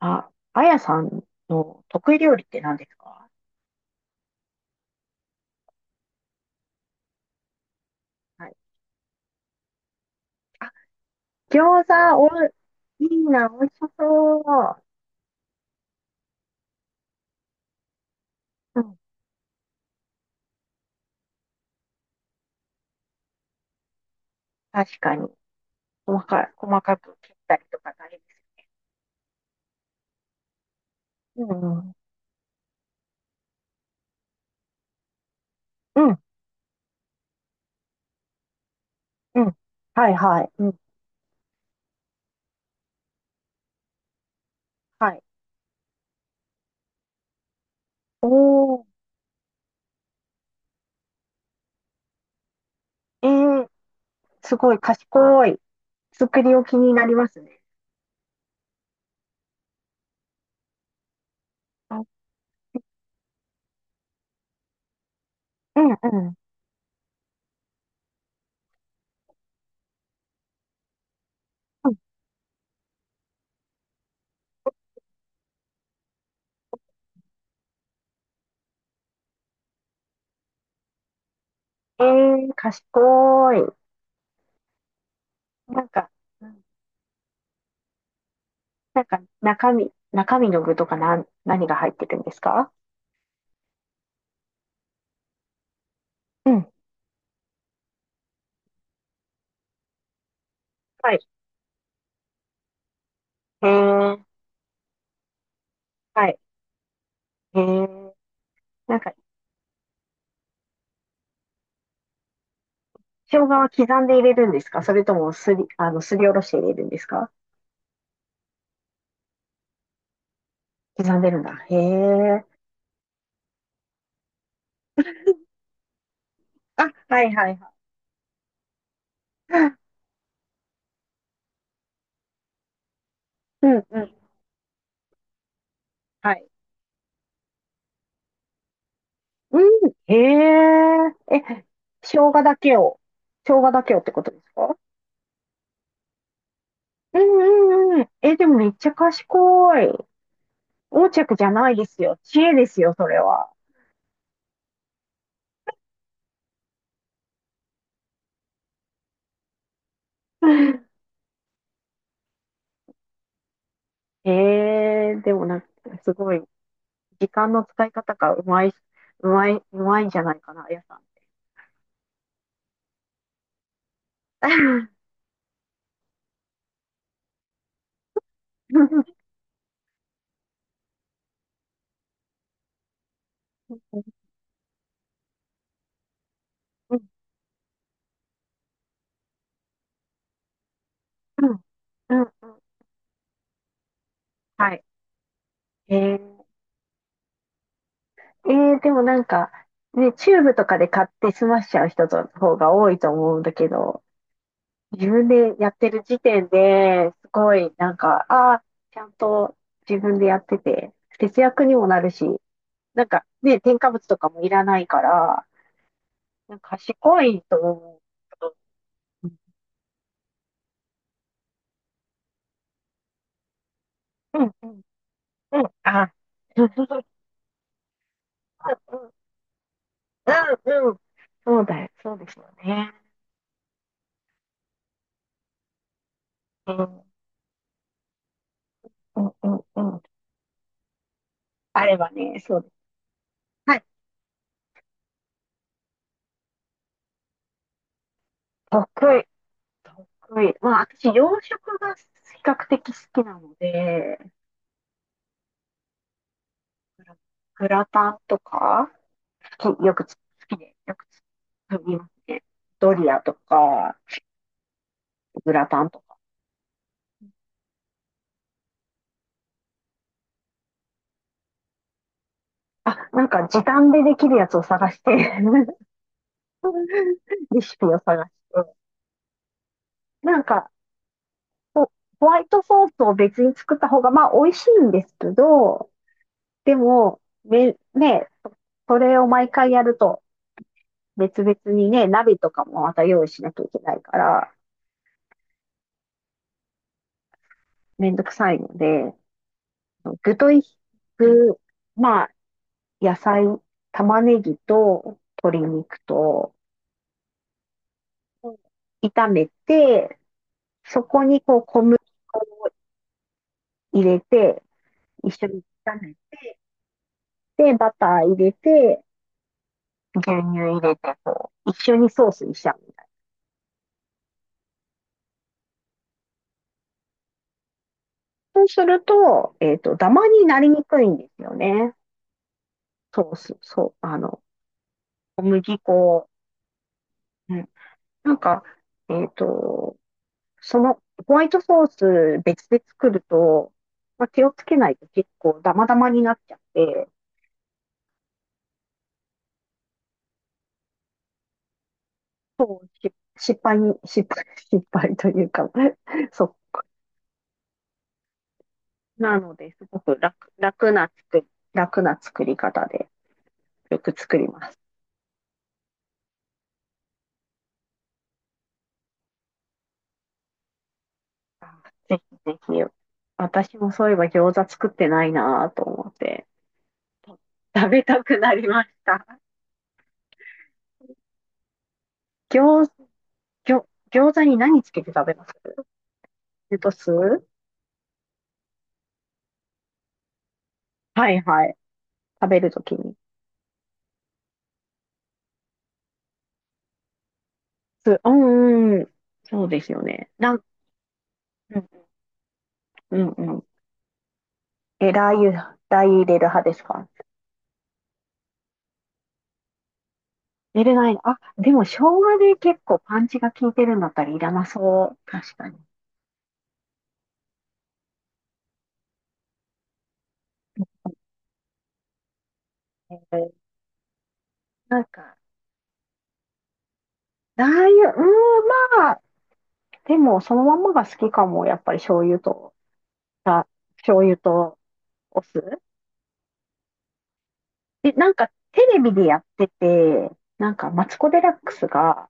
あ、あやさんの得意料理って何ですか？はい。あ、餃子、いいな、美味しそう。うん、確かに。細かく切ったりとか大変ですよ。うんうん、うん、うん。はいはい。うん、はい。おー、えー、すごい賢い。作り置きになりますね。あ。うんうん。うん。えー、賢い。なんか、うん。なんか中身の具とか何が入ってるんですか？うん。はい。へえ、はい。へえ、なんか、生姜は刻んで入れるんですか？それともすりおろして入れるんですか？刻んでるんだ。へえ。あ、はいはいはい。うんうん。はい。うん。へえ。え、生姜だけを、生姜だけをってことですか？うんうんうん。え、でもめっちゃ賢い。横着じゃないですよ。知恵ですよ、それは。へー、でもなんか、すごい。時間の使い方がうまい、うまい、うまいんじゃないかな、あやさんって。うんうんうんうん。はい。えー、でもなんか、ね、チューブとかで買って済ましちゃう人の方が多いと思うんだけど、自分でやってる時点で、すごい、なんか、ああ、ちゃんと自分でやってて、節約にもなるし、なんかね、添加物とかもいらないから、なんか賢いと思う。うんうんうん、あ、うん、うん、うん、そうだよ、そうですよね。うん、うん、うん、うん。あればね、そうです。はい、得意、得意。まあ、私、洋食が比較的好きなので、グラグラタンとか、好きで、よく作りますね。ドリアとか、グラタンとか。あ、なんか時短でできるやつを探して、 レシピを探して。なんか、ホワイトソースを別に作った方が、まあ、美味しいんですけど、でも、ね、それを毎回やると、別々にね、鍋とかもまた用意しなきゃいけないから、めんどくさいので、具とい、具、まあ、野菜、玉ねぎと鶏肉と炒めて、そこにこう小麦粉を入れて、一緒に炒めて、で、バター入れて、牛乳入れて、こう、一緒にソースにしちゃうみたいな。そうすると、ダマになりにくいんですよね。ソース、そう、小麦粉。うん。なんか、えっと、その、ホワイトソース別で作ると、まあ、気をつけないと結構ダマダマになっちゃって、そう、し失敗に、失敗、失敗というか、 そう。なので、すごく楽な作り方で、よく作ります。あ、ぜひぜひ。私もそういえば餃子作ってないなぁと思って、と食べたくなりました。餃、餃、餃子に何つけて食べます？レタス。はいはい。食べるときに。うんうん。そうですよね。うんうんうん。え、ラー油入れる派ですか？入れない。あ、でも生姜で結構パンチが効いてるんだったらいらなそう。確かに。えーなんか、ラー油、うーん、までも、そのまんまが好きかも。やっぱりあ、醤油とお酢。で、なんかテレビでやってて、なんかマツコ・デラックスが、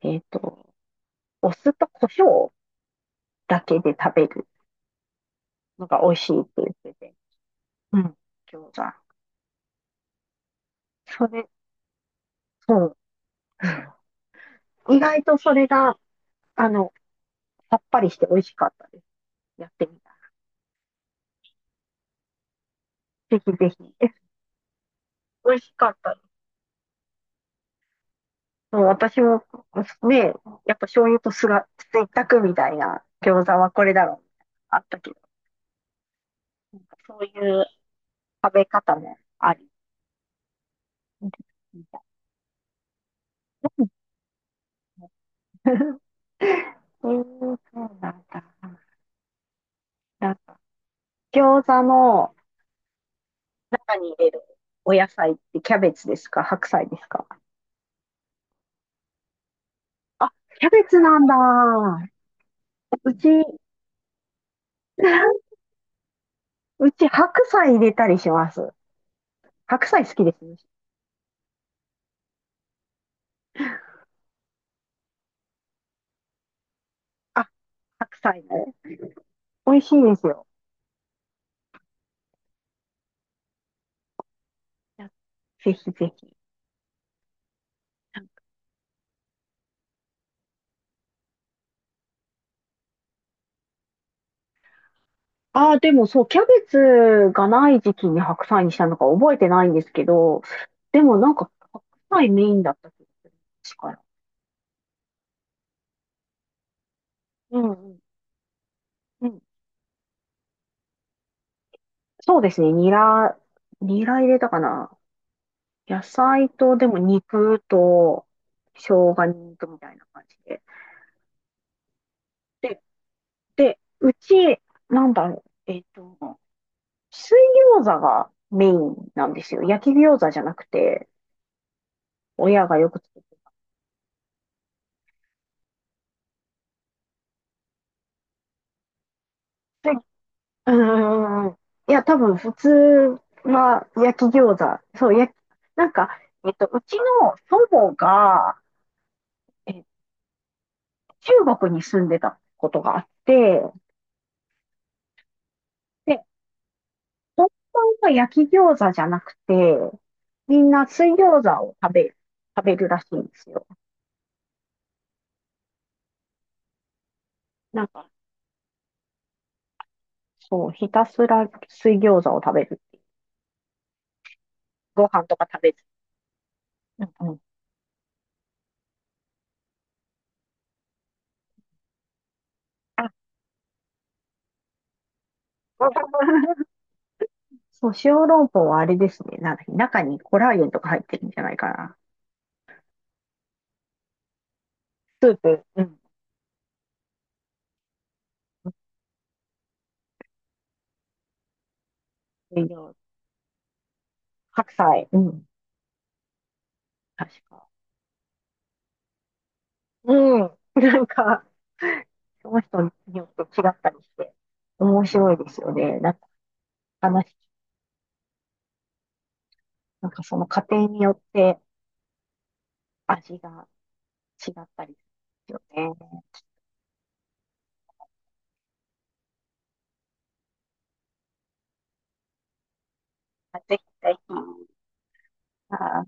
えっと、お酢と胡椒だけで食べるのが美味しいって言ってて。うん、餃子。それ、そう。意外とそれが、あの、さっぱりして美味しかったです。やってみた。ぜひぜひ。え、美味しかった。もう私も、ね、やっぱ醤油と酢が、ついたくみたいな餃子はこれだろう。あったけど、なんかそういう食べ方もあり。みたいな。 えー、そうなんだ。な餃子の中に入れるお野菜ってキャベツですか？白菜ですか？あ、キャベツなんだ。うち、うち白菜入れたりします。白菜好きです。あ、白菜ね。美味しいですよ。ぜひぜひ。ああ、でもそう、キャベツがない時期に白菜にしたのか覚えてないんですけど、でもなんか白菜メインだった気がする。確か。うんうん。うん。そうですね、ニラ入れたかな。野菜と、でも肉と、生姜肉とみたいな感じで。で、うち、なんだろう、水餃子がメインなんですよ。焼き餃子じゃなくて、親がよく作ってる。うんん。いや、多分普通は焼き餃子。そう、なんか、うちの祖母が、え、中国に住んでたことがあって、で、本当は焼き餃子じゃなくて、みんな水餃子を食べるらしいんですよ。なんか、そう、ひたすら水餃子を食べる。ご飯とか食べず。うんうん。あ、そう、小籠包はあれですね。なんだっけ、中にコラーゲンとか入ってるんじゃないかな。スープ。うん。栄養、白菜、うん、確か。うん、なんか、その人によって違ったりして、面白いですよね。なんか、話、なんかその家庭によって味が違ったりですよね。ぜひぜひ。あー